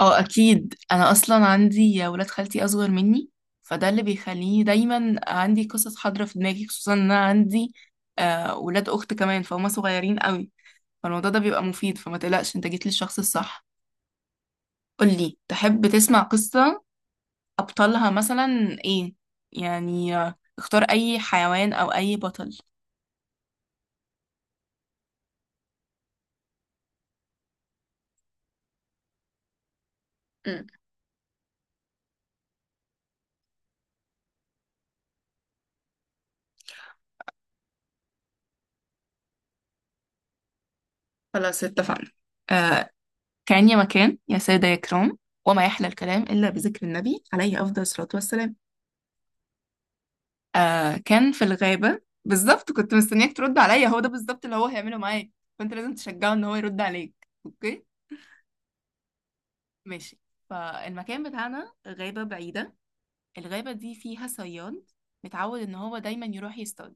اه، اكيد. انا اصلا عندي ولاد خالتي اصغر مني، فده اللي بيخليني دايما عندي قصص حاضره في دماغي، خصوصا ان انا عندي ولاد اخت كمان فهم صغيرين قوي. فالموضوع ده بيبقى مفيد، فما تقلقش انت جيت للشخص الصح. قولي، تحب تسمع قصه؟ ابطالها مثلا ايه؟ يعني اختار اي حيوان او اي بطل. مم. خلاص اتفقنا. آه كان يا مكان يا سادة يا كرام، وما يحلى الكلام إلا بذكر النبي عليه أفضل الصلاة والسلام. آه، كان في الغابة. بالظبط، كنت مستنياك ترد عليا، هو ده بالظبط اللي هو هيعمله معاك. فانت لازم تشجعه ان هو يرد عليك، اوكي؟ ماشي. فالمكان بتاعنا غابة بعيدة. الغابة دي فيها صياد، متعود ان هو دايما يروح يصطاد.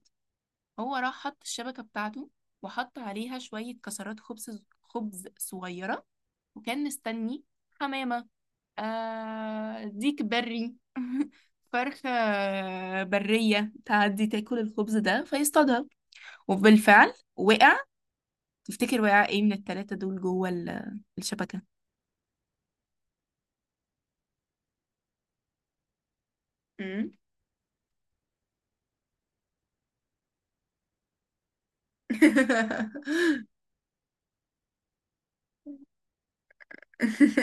هو راح حط الشبكة بتاعته، وحط عليها شوية كسرات خبز صغيرة، وكان مستني حمامة، ديك بري، فرخة برية، تعدي تاكل الخبز ده فيصطادها. وبالفعل وقع. تفتكر وقع ايه من التلاتة دول جوه الشبكة؟ مم.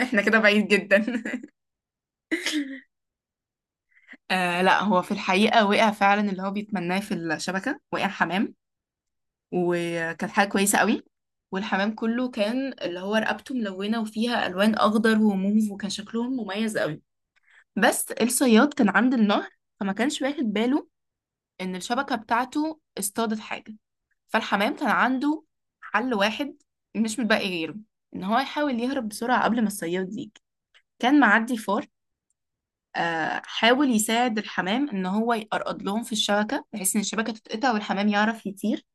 احنا كده بعيد جدا. لا، هو في الحقيقة وقع فعلا اللي هو بيتمناه في الشبكة، وقع حمام. وكانت حاجة كويسة قوي. والحمام كله كان اللي هو رقبته ملونة وفيها ألوان أخضر وموف، وكان شكلهم مميز قوي. بس الصياد كان عند النهر، فما كانش واخد باله إن الشبكة بتاعته اصطادت حاجة. فالحمام كان عنده حل واحد، مش متبقي غيره، ان هو يحاول يهرب بسرعة قبل ما الصياد يجي. كان معدي فار، حاول يساعد الحمام ان هو يقرقض لهم في الشبكة بحيث ان الشبكة تتقطع والحمام يعرف يطير.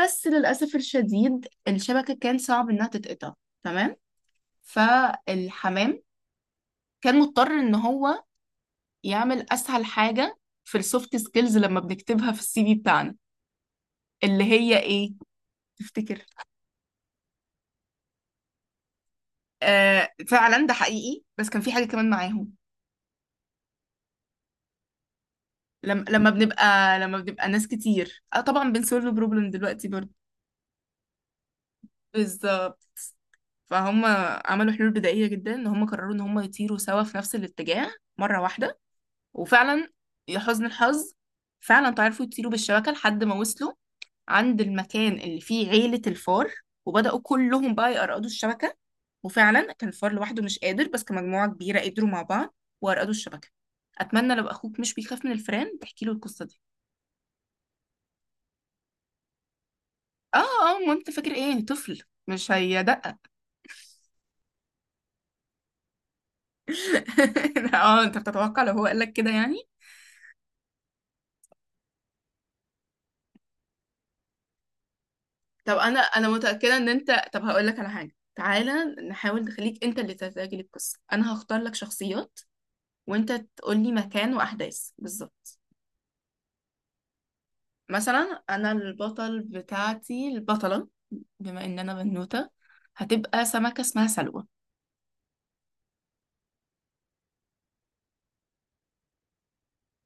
بس للأسف الشديد الشبكة كان صعب انها تتقطع. تمام. فالحمام كان مضطر ان هو يعمل اسهل حاجة في السوفت سكيلز لما بنكتبها في السي في بتاعنا، اللي هي ايه؟ تفتكر؟ آه فعلا ده حقيقي، بس كان في حاجة كمان معاهم. لما بنبقى ناس كتير، طبعا بنسولف بروبلم دلوقتي برضه. بالظبط. فهم عملوا حلول بدائية جدا، ان هم قرروا ان هم يطيروا سوا في نفس الاتجاه مرة واحدة. وفعلا، يا حزن الحظ، فعلا تعرفوا يطيروا بالشبكة لحد ما وصلوا عند المكان اللي فيه عيلة الفار. وبدأوا كلهم بقى يقرقدوا الشبكة. وفعلا كان الفار لوحده مش قادر، بس كمجموعة كبيرة قدروا مع بعض، وأرقدوا الشبكة. أتمنى لو أخوك مش بيخاف من الفئران تحكي له القصة دي. آه آه، ما أنت فاكر إيه؟ طفل مش هيدقق. آه، أنت بتتوقع لو هو قال لك كده يعني. طب انا، انا متاكده ان انت، طب هقول لك على حاجه، تعالى. نحاول نخليك انت اللي تتاجل القصه. انا هختار لك شخصيات، وانت تقول لي مكان واحداث بالظبط. مثلا انا البطل بتاعتي، البطله، بما ان انا بنوته، هتبقى سمكه اسمها سلوى.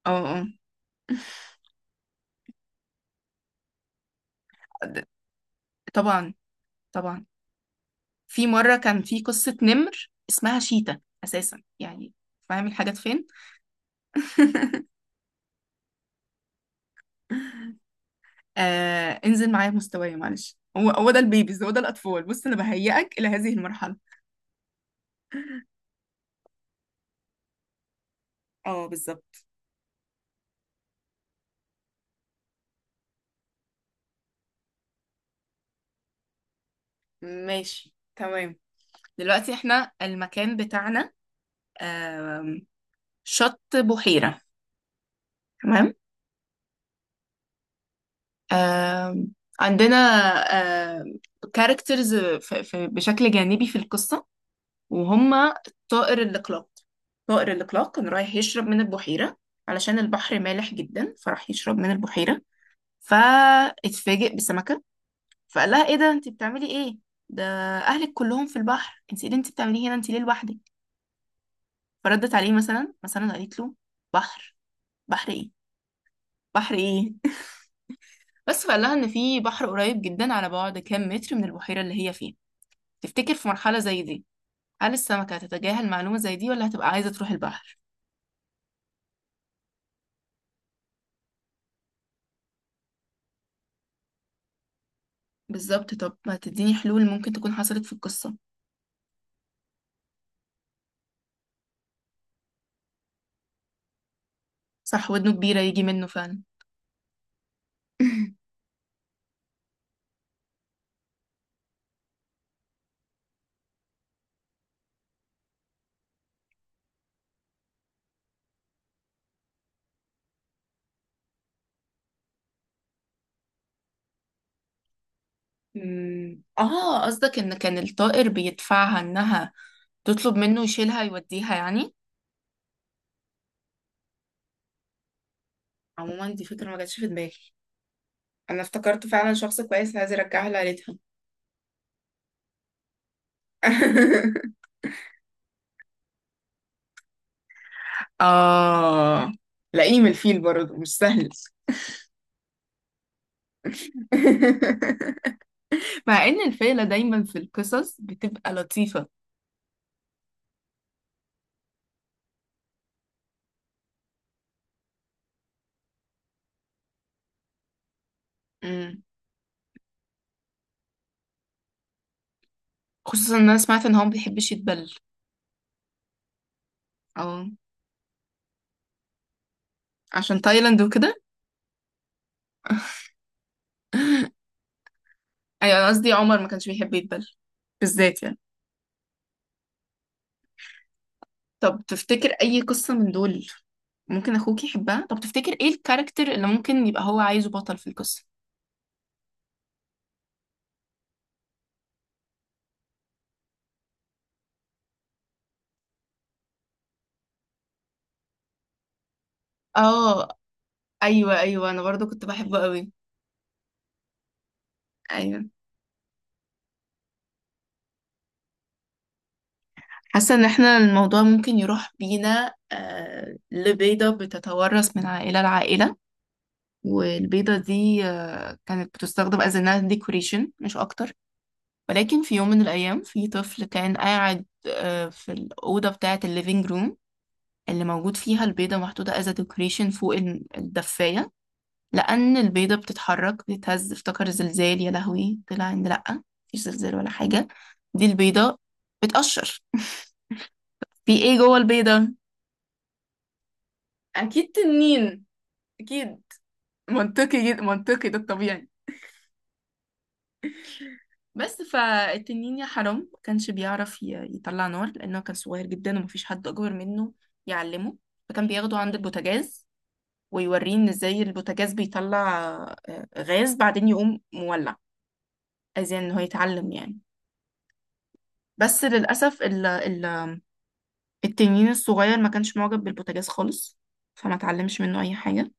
اه اه. طبعا، طبعا. في مرة كان في قصة نمر اسمها شيتا أساسا يعني. فاهم الحاجات فين؟ آه، انزل معايا بمستواي معلش، هو هو ده البيبيز، هو ده الأطفال، بص، أنا بهيئك إلى هذه المرحلة. اه بالظبط. ماشي تمام. دلوقتي احنا المكان بتاعنا، آم، شط بحيرة. تمام. آم، عندنا كاركترز بشكل جانبي في القصة، وهما طائر الإقلاق. طائر الإقلاق كان رايح يشرب من البحيرة، علشان البحر مالح جدا فراح يشرب من البحيرة. فاتفاجئ بسمكة، فقال لها: ايه ده؟ انت بتعملي ايه؟ ده اهلك كلهم في البحر، انت ايه اللي انت بتعمليه هنا؟ انت ليه لوحدك؟ فردت عليه مثلا قالت له: بحر؟ بحر ايه؟ بحر ايه؟ بس، فقال لها ان في بحر قريب جدا على بعد كام متر من البحيرة اللي هي فيها. تفتكر في مرحلة زي دي، هل السمكة هتتجاهل معلومة زي دي، ولا هتبقى عايزة تروح البحر؟ بالظبط. طب ما تديني حلول ممكن تكون حصلت في القصة. صح، ودنه كبيرة يجي منه فعلا. اه قصدك ان كان الطائر بيدفعها انها تطلب منه يشيلها يوديها يعني. عموما دي فكرة ما جاتش في دماغي، انا افتكرت فعلا شخص كويس عايز يرجعها لعيلتها. اه، لئيم الفيل برضه مش سهل. مع ان الفيلة دايما في القصص بتبقى لطيفة. أمم. خصوصا ان انا سمعت ان هو ما بيحبش يتبل. اه، عشان تايلاند وكده. ايوه، انا قصدي عمر ما كانش بيحب يتبل بالذات يعني. طب تفتكر اي قصة من دول ممكن اخوك يحبها؟ طب تفتكر ايه الكاركتر اللي ممكن يبقى هو عايزه بطل في القصة؟ اه ايوه ايوه، انا برضو كنت بحبه قوي. ايوه. حاسه ان احنا الموضوع ممكن يروح بينا. لبيضه بتتورث من عائله لعائله، والبيضه دي كانت بتستخدم as a nail decoration مش اكتر. ولكن في يوم من الأيام في طفل كان قاعد في الأوضة بتاعة الليفينج روم، اللي موجود فيها البيضة محطوطة as a decoration فوق الدفاية. لأن البيضة بتتحرك بتتهز، افتكر زلزال، يا لهوي، طلع إن لأ، مفيش زلزال ولا حاجة. دي البيضة بتقشر. في إيه جوه البيضة؟ أكيد تنين. أكيد. منطقي جدا، منطقي، ده الطبيعي. بس فالتنين يا حرام ما كانش بيعرف يطلع نار، لأنه كان صغير جدا ومفيش حد أكبر منه يعلمه. فكان بياخده عند البوتاجاز ويوريه إن إزاي البوتاجاز بيطلع غاز، بعدين يقوم مولع. عايزين إن هو يتعلم يعني. بس للأسف ال ال التنين الصغير ما كانش معجب بالبوتاجاز خالص، فما اتعلمش منه أي حاجة.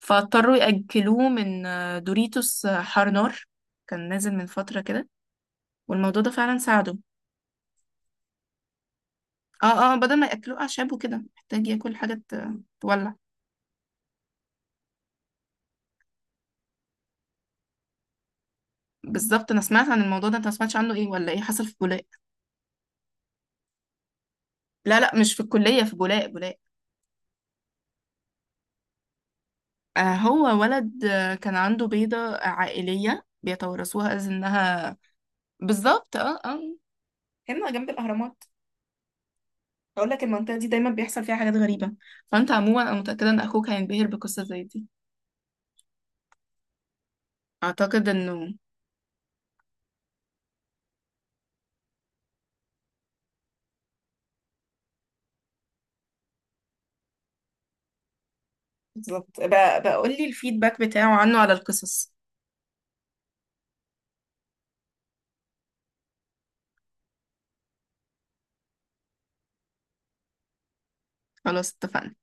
فاضطروا يأكلوه من دوريتوس حار نار، كان نازل من فترة كده، والموضوع ده فعلا ساعده. اه اه، بدل ما ياكلوه اعشاب وكده، محتاج ياكل حاجه تولع. بالظبط. انا سمعت عن الموضوع ده، انت ما سمعتش عنه؟ ايه ولا ايه حصل في بولاق؟ لا لا، مش في الكليه، في بولاق، بولاق. هو ولد كان عنده بيضه عائليه بيتورثوها از انها. بالظبط اه اه. هنا جنب الاهرامات. اقول لك المنطقه دي دايما بيحصل فيها حاجات غريبه. فانت عموما انا متاكده ان اخوك هينبهر بقصه زي دي. اعتقد انه. بالظبط بقى، بقول لي الفيدباك بتاعه عنه على القصص. خلاص اتفقنا.